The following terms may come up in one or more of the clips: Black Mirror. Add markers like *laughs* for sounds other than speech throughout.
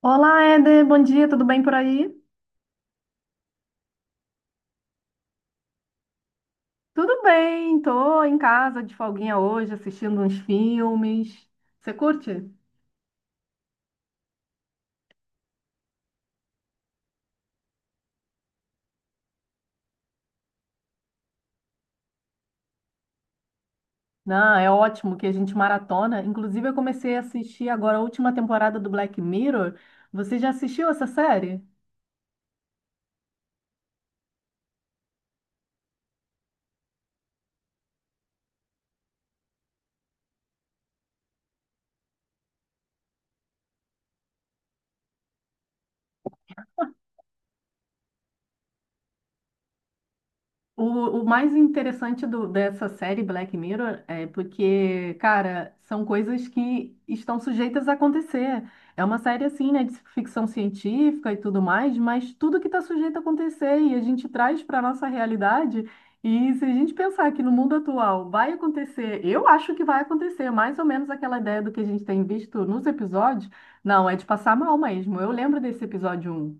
Olá, Éder, bom dia, tudo bem por aí? Tudo bem, tô em casa de folguinha hoje, assistindo uns filmes. Você curte? Não, é ótimo que a gente maratona. Inclusive, eu comecei a assistir agora a última temporada do Black Mirror. Você já assistiu essa série? O, o mais interessante dessa série Black Mirror é porque, cara, são coisas que estão sujeitas a acontecer. É uma série assim, né, de ficção científica e tudo mais, mas tudo que está sujeito a acontecer e a gente traz para a nossa realidade. E se a gente pensar que no mundo atual vai acontecer, eu acho que vai acontecer, mais ou menos aquela ideia do que a gente tem visto nos episódios, não, é de passar mal mesmo. Eu lembro desse episódio 1.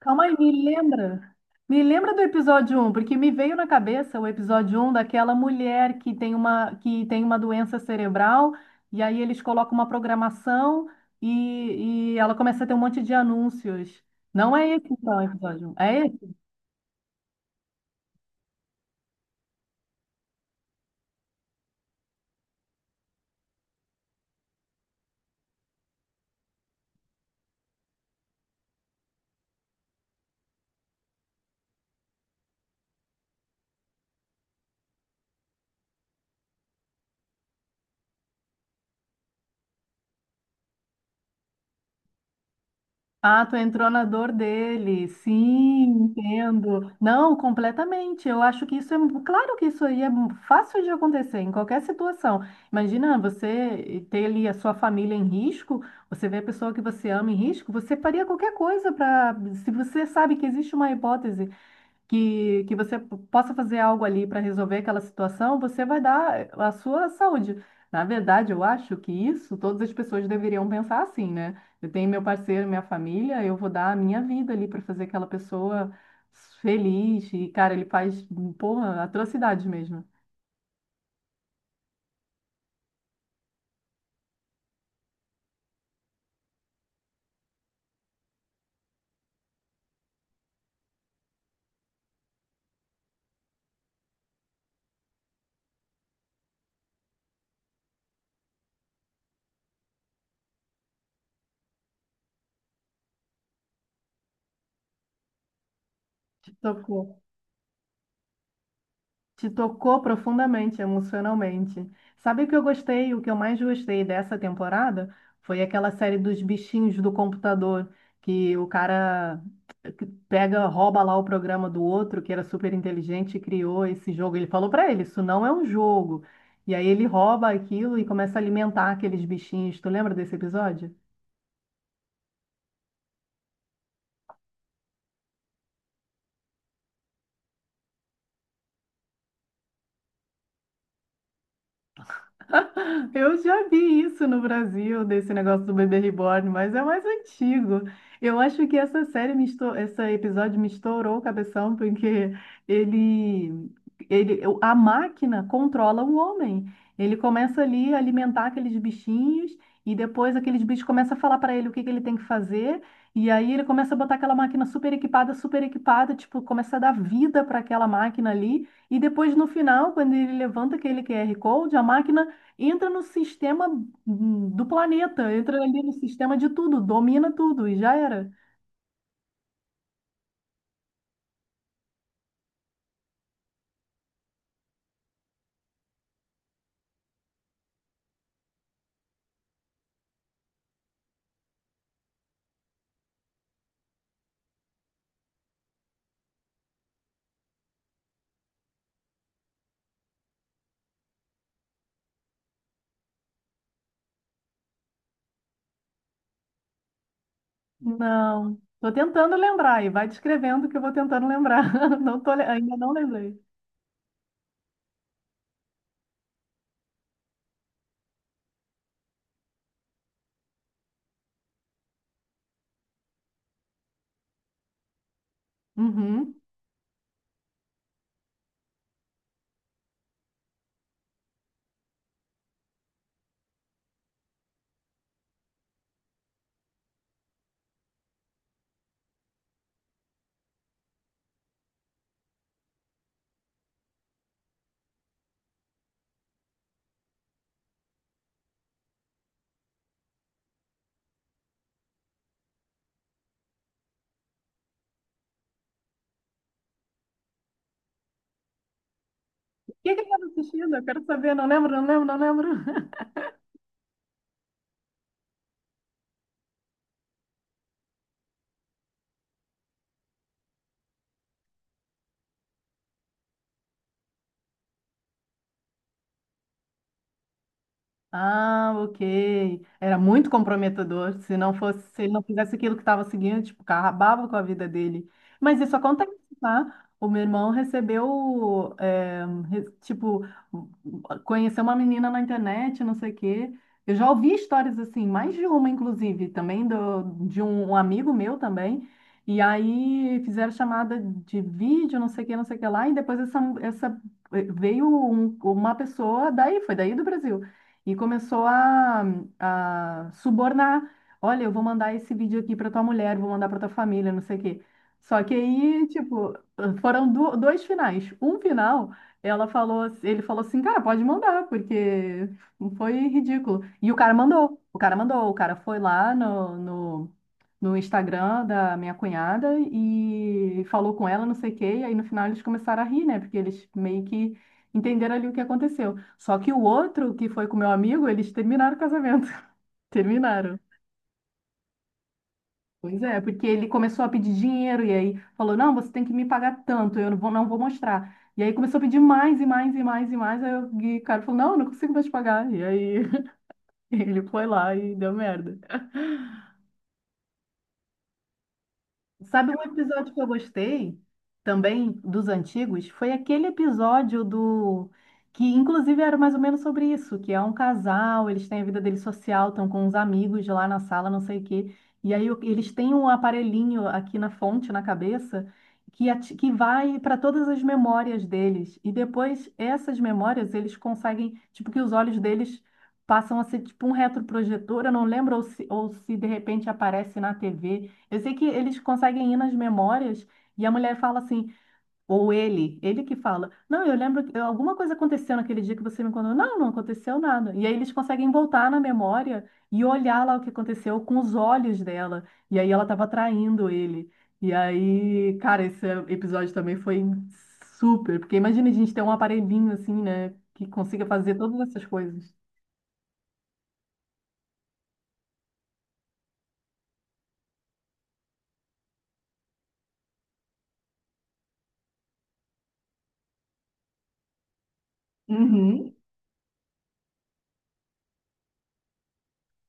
Calma aí, me lembra. Me lembra do episódio um, porque me veio na cabeça o episódio um daquela mulher que tem uma doença cerebral, e aí eles colocam uma programação e ela começa a ter um monte de anúncios. Não é esse, então, o episódio um? É. Ah, tu entrou na dor dele. Sim, entendo. Não, completamente. Eu acho que isso é, claro que isso aí é fácil de acontecer em qualquer situação. Imagina você ter ali a sua família em risco, você vê a pessoa que você ama em risco, você faria qualquer coisa para, se você sabe que existe uma hipótese que você possa fazer algo ali para resolver aquela situação, você vai dar a sua saúde. Na verdade, eu acho que isso todas as pessoas deveriam pensar assim, né? Eu tenho meu parceiro, minha família, eu vou dar a minha vida ali para fazer aquela pessoa feliz. E, cara, ele faz, porra, atrocidades mesmo. Te tocou. Te tocou profundamente, emocionalmente. Sabe o que eu gostei? O que eu mais gostei dessa temporada foi aquela série dos bichinhos do computador, que o cara pega, rouba lá o programa do outro, que era super inteligente, e criou esse jogo. Ele falou pra ele, isso não é um jogo. E aí ele rouba aquilo e começa a alimentar aqueles bichinhos. Tu lembra desse episódio? Eu já vi isso no Brasil, desse negócio do bebê reborn, mas é mais antigo. Eu acho que essa série me estou, esse episódio me estourou o cabeção, porque ele, a máquina controla o homem. Ele começa ali a alimentar aqueles bichinhos e depois aqueles bichos começam a falar para ele o que que ele tem que fazer. E aí ele começa a botar aquela máquina super equipada, tipo, começa a dar vida para aquela máquina ali. E depois no final, quando ele levanta aquele QR Code, a máquina entra no sistema do planeta, entra ali no sistema de tudo, domina tudo e já era. Não, tô tentando lembrar e vai descrevendo que eu vou tentando lembrar. *laughs* Não tô, ainda não lembrei. Uhum. O que que eu tava assistindo? Eu quero saber, não lembro, não lembro, não lembro. Ah, ok. Era muito comprometedor. Se não fosse, se ele não fizesse aquilo que estava seguindo, tipo, acabava com a vida dele. Mas isso acontece, tá? O meu irmão recebeu, tipo, conheceu uma menina na internet, não sei o quê. Eu já ouvi histórias assim, mais de uma, inclusive, também de um amigo meu também. E aí fizeram chamada de vídeo, não sei o que, não sei o que lá, e depois veio uma pessoa daí, foi daí do Brasil. E começou a subornar. Olha, eu vou mandar esse vídeo aqui para tua mulher, vou mandar para tua família, não sei o quê. Só que aí, tipo, foram dois finais. Um final, ela falou, ele falou assim, cara, pode mandar, porque foi ridículo. E o cara mandou, o cara mandou, o cara foi lá no Instagram da minha cunhada e falou com ela, não sei o quê, e aí no final eles começaram a rir, né? Porque eles meio que entenderam ali o que aconteceu. Só que o outro, que foi com meu amigo, eles terminaram o casamento. *laughs* Terminaram. Pois é, porque ele começou a pedir dinheiro e aí falou: não, você tem que me pagar tanto, eu não vou, não vou mostrar. E aí começou a pedir mais e mais e mais e mais. E o cara falou: não, eu não consigo mais te pagar. E aí *laughs* ele foi lá e deu merda. Sabe um episódio que eu gostei também dos antigos? Foi aquele episódio do que inclusive era mais ou menos sobre isso, que é um casal, eles têm a vida deles social, estão com uns amigos lá na sala, não sei o quê. E aí o- eles têm um aparelhinho aqui na fonte, na cabeça, que, ati- que vai para todas as memórias deles. E depois essas memórias eles conseguem, tipo, que os olhos deles passam a ser tipo um retroprojetor, eu não lembro ou se de repente aparece na TV, eu sei que eles conseguem ir nas memórias e a mulher fala assim, ou ele que fala, não, eu lembro que alguma coisa aconteceu naquele dia que você me contou. Não, não aconteceu nada. E aí eles conseguem voltar na memória e olhar lá o que aconteceu com os olhos dela. E aí ela estava traindo ele. E aí, cara, esse episódio também foi super, porque imagina a gente ter um aparelhinho assim, né, que consiga fazer todas essas coisas. Uhum.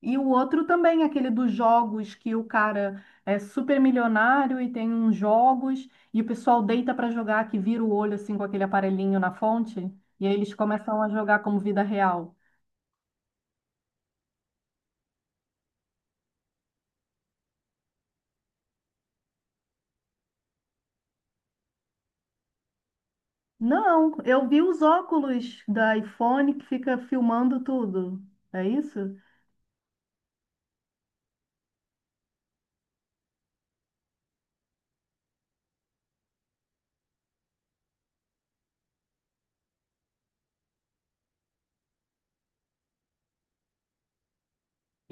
E o outro também, aquele dos jogos, que o cara é super milionário e tem uns jogos, e o pessoal deita para jogar, que vira o olho assim com aquele aparelhinho na fonte, e aí eles começam a jogar como vida real. Não, eu vi os óculos da iPhone que fica filmando tudo. É isso?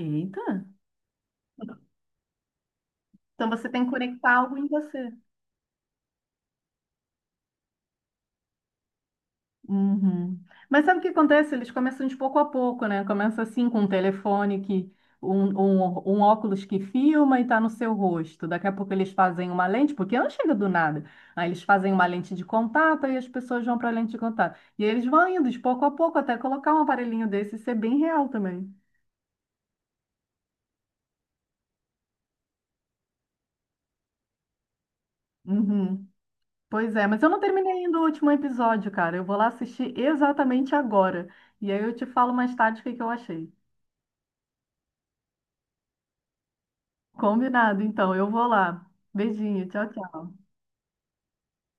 Eita! Então você tem que conectar algo em você. Uhum. Mas sabe o que acontece? Eles começam de pouco a pouco, né? Começa assim com um telefone que um óculos que filma e tá no seu rosto. Daqui a pouco eles fazem uma lente, porque não chega do nada. Aí eles fazem uma lente de contato e as pessoas vão para a lente de contato. E eles vão indo de pouco a pouco até colocar um aparelhinho desse e ser bem real também. Uhum. Pois é, mas eu não terminei ainda o último episódio, cara. Eu vou lá assistir exatamente agora. E aí eu te falo mais tarde o que que eu achei. Combinado, então. Eu vou lá. Beijinho, tchau, tchau.